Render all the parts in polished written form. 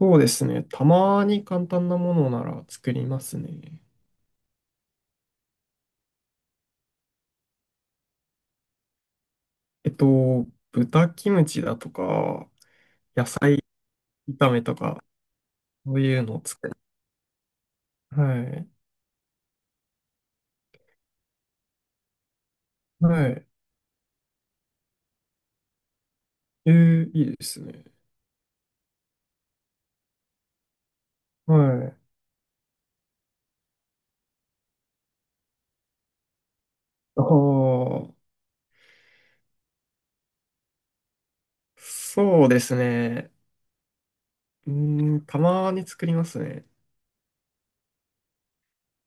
そうですね。たまに簡単なものなら作りますね。えっと、豚キムチだとか、野菜炒めとか、そういうのを作る。はい。はい。えー、いいですね。はい。ああ、そうですね。たまに作りますね。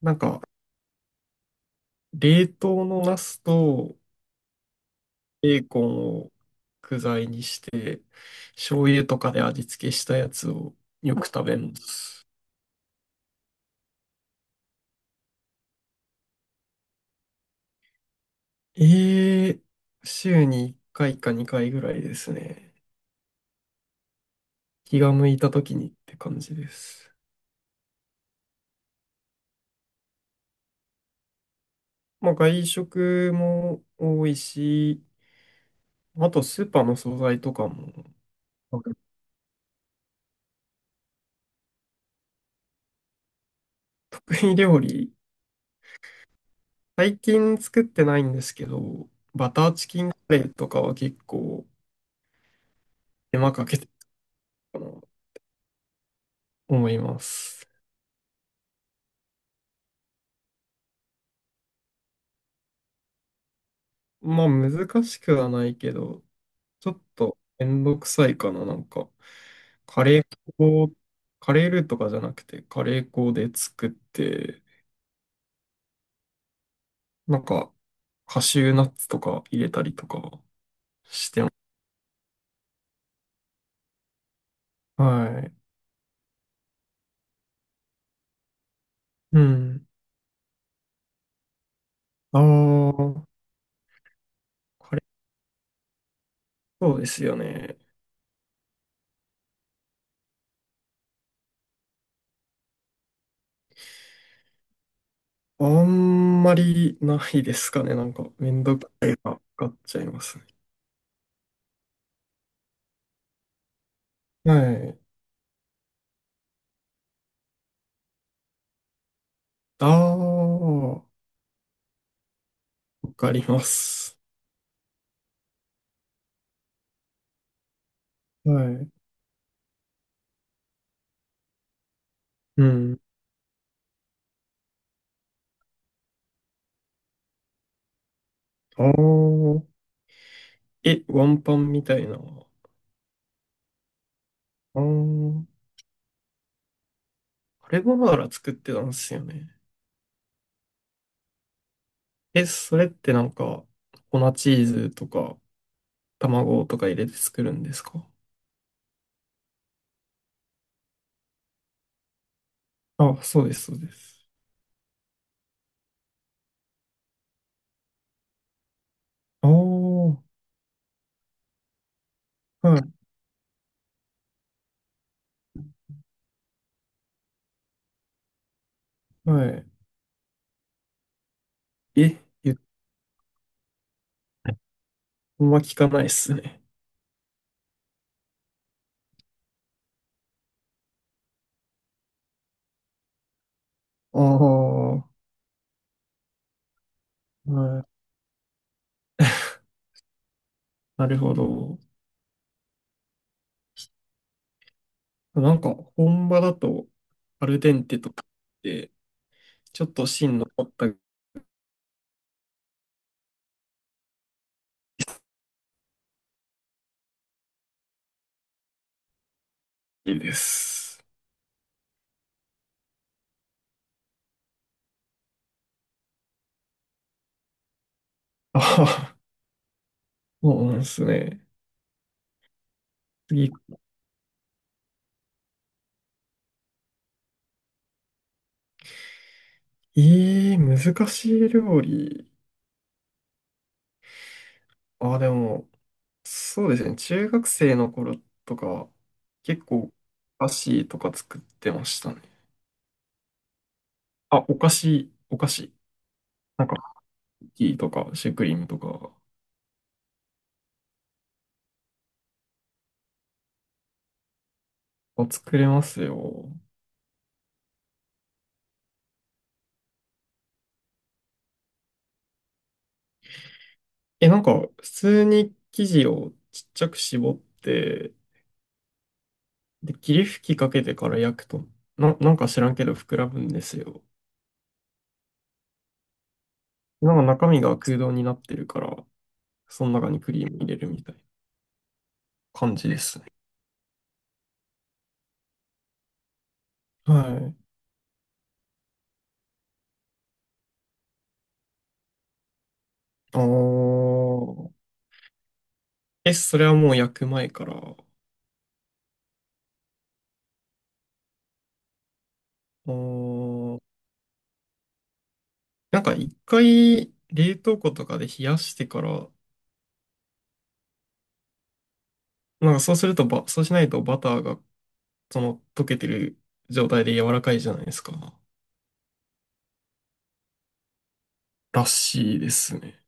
なんか、冷凍のナスとベーコンを具材にして、醤油とかで味付けしたやつをよく食べます。ええ、週に1回か2回ぐらいですね。気が向いた時にって感じです。まあ外食も多いし、あとスーパーの惣菜とかも、なんか得意料理、最近作ってないんですけど、バターチキンカレーとかは結構手間かけてるかな、思います。まあ難しくはないけど、ちょっとめんどくさいかな、なんか。カレー粉を、カレールーとかじゃなくて、カレー粉で作って、なんか、カシューナッツとか入れたりとかしてます。はい。うん。ああ、カレー、そうですよね。あんまりないですかね。なんか、めんどくさいがかっちゃいますね。はい。ああ、わかります。はい。うん。ああ、え、ワンパンみたいな。あー、カルボナーラ作ってたんですよね。え、それってなんか、粉チーズとか、卵とか入れて作るんですか？あ、そうです、そうです。ああ、はい、はい。え、言っあんま聞かないっすね。ああ、はい。なるほど。なんか、本場だと、アルデンテとかって、ちょっと芯残ったりです。ああ、そうなんですね。次、ええー、難しい料理。あ、でも、そうですね。中学生の頃とか結構、お菓子とか作ってましたね。あ、お菓子、お菓子。なんか、クッキーとか、シュークリームとか、あ、作れますよ。え、なんか、普通に生地をちっちゃく絞って、で、霧吹きかけてから焼くと、なんか知らんけど膨らむんですよ。なんか中身が空洞になってるから、その中にクリーム入れるみたいな感じですね。はい。ああ。え、それはもう焼く前から。おー、なんか一回冷凍庫とかで冷やしてから、なんかそうするとば、そうしないとバターがその溶けてる状態で柔らかいじゃないですか。らしいですね。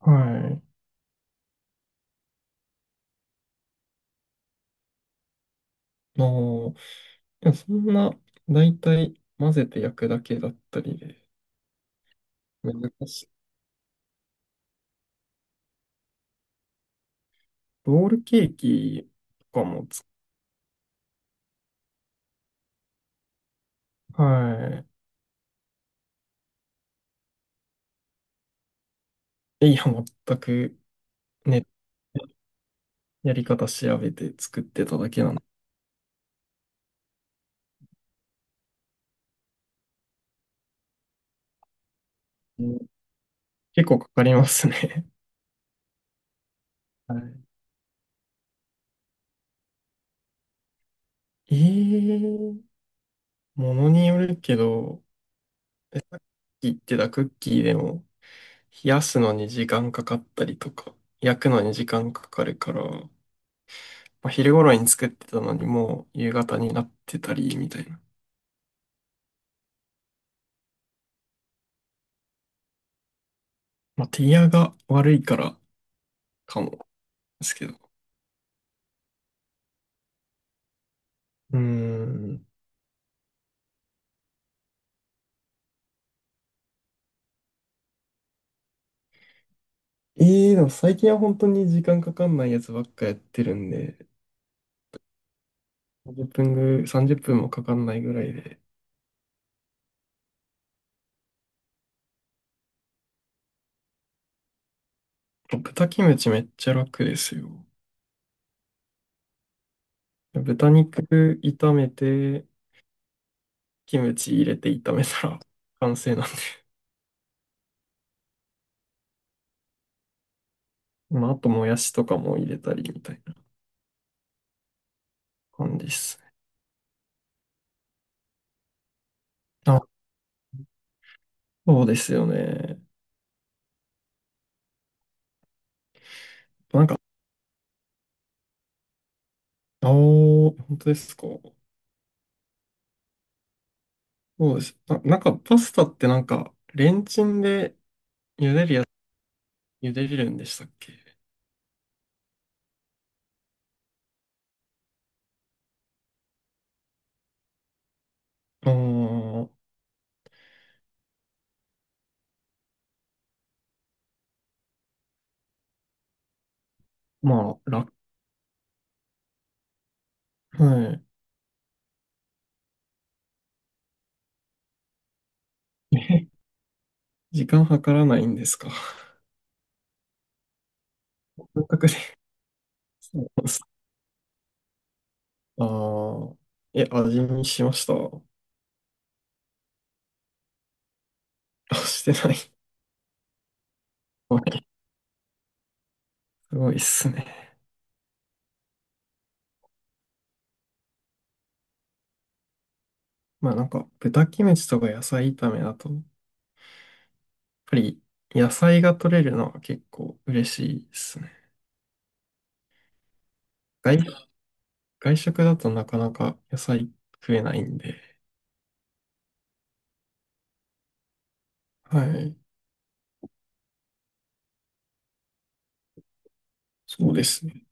はい。もう、でもそんな、だいたい混ぜて焼くだけだったりで、難しい。ロールケーキとかもつ、はい。いや、全くね、やり方調べて作ってただけなんで。結構かかりますね。はい。ええ、ものによるけど、言ってたクッキーでも、冷やすのに時間かかったりとか、焼くのに時間かかるから、まあ、昼頃に作ってたのにもう夕方になってたり、みたいな。まあ、手際が悪いからかも、ですけど。うーん。ええ、でも最近は本当に時間かかんないやつばっかやってるんで、30分もかかんないぐらいで。豚キムチめっちゃ楽ですよ。豚肉炒めて、キムチ入れて炒めたら 完成なんで。まあ、あともやしとかも入れたりみたいな感じですね。あ、そうですよね。なんか、あお、本当ですか。そうです。あ、なんかパスタってなんか、レンチンで茹でれるんでしたっけ？ああー、まあ、楽、はい。え、時間計らないんですか。感覚で。そうなんです、ああ、え、味見しました。あ、してない。はい。すごいっすね。まあなんか豚キムチとか野菜炒めだと、やっぱり野菜が取れるのは結構嬉しいですね。外、外食だとなかなか野菜食えないんで。はい。そうですね。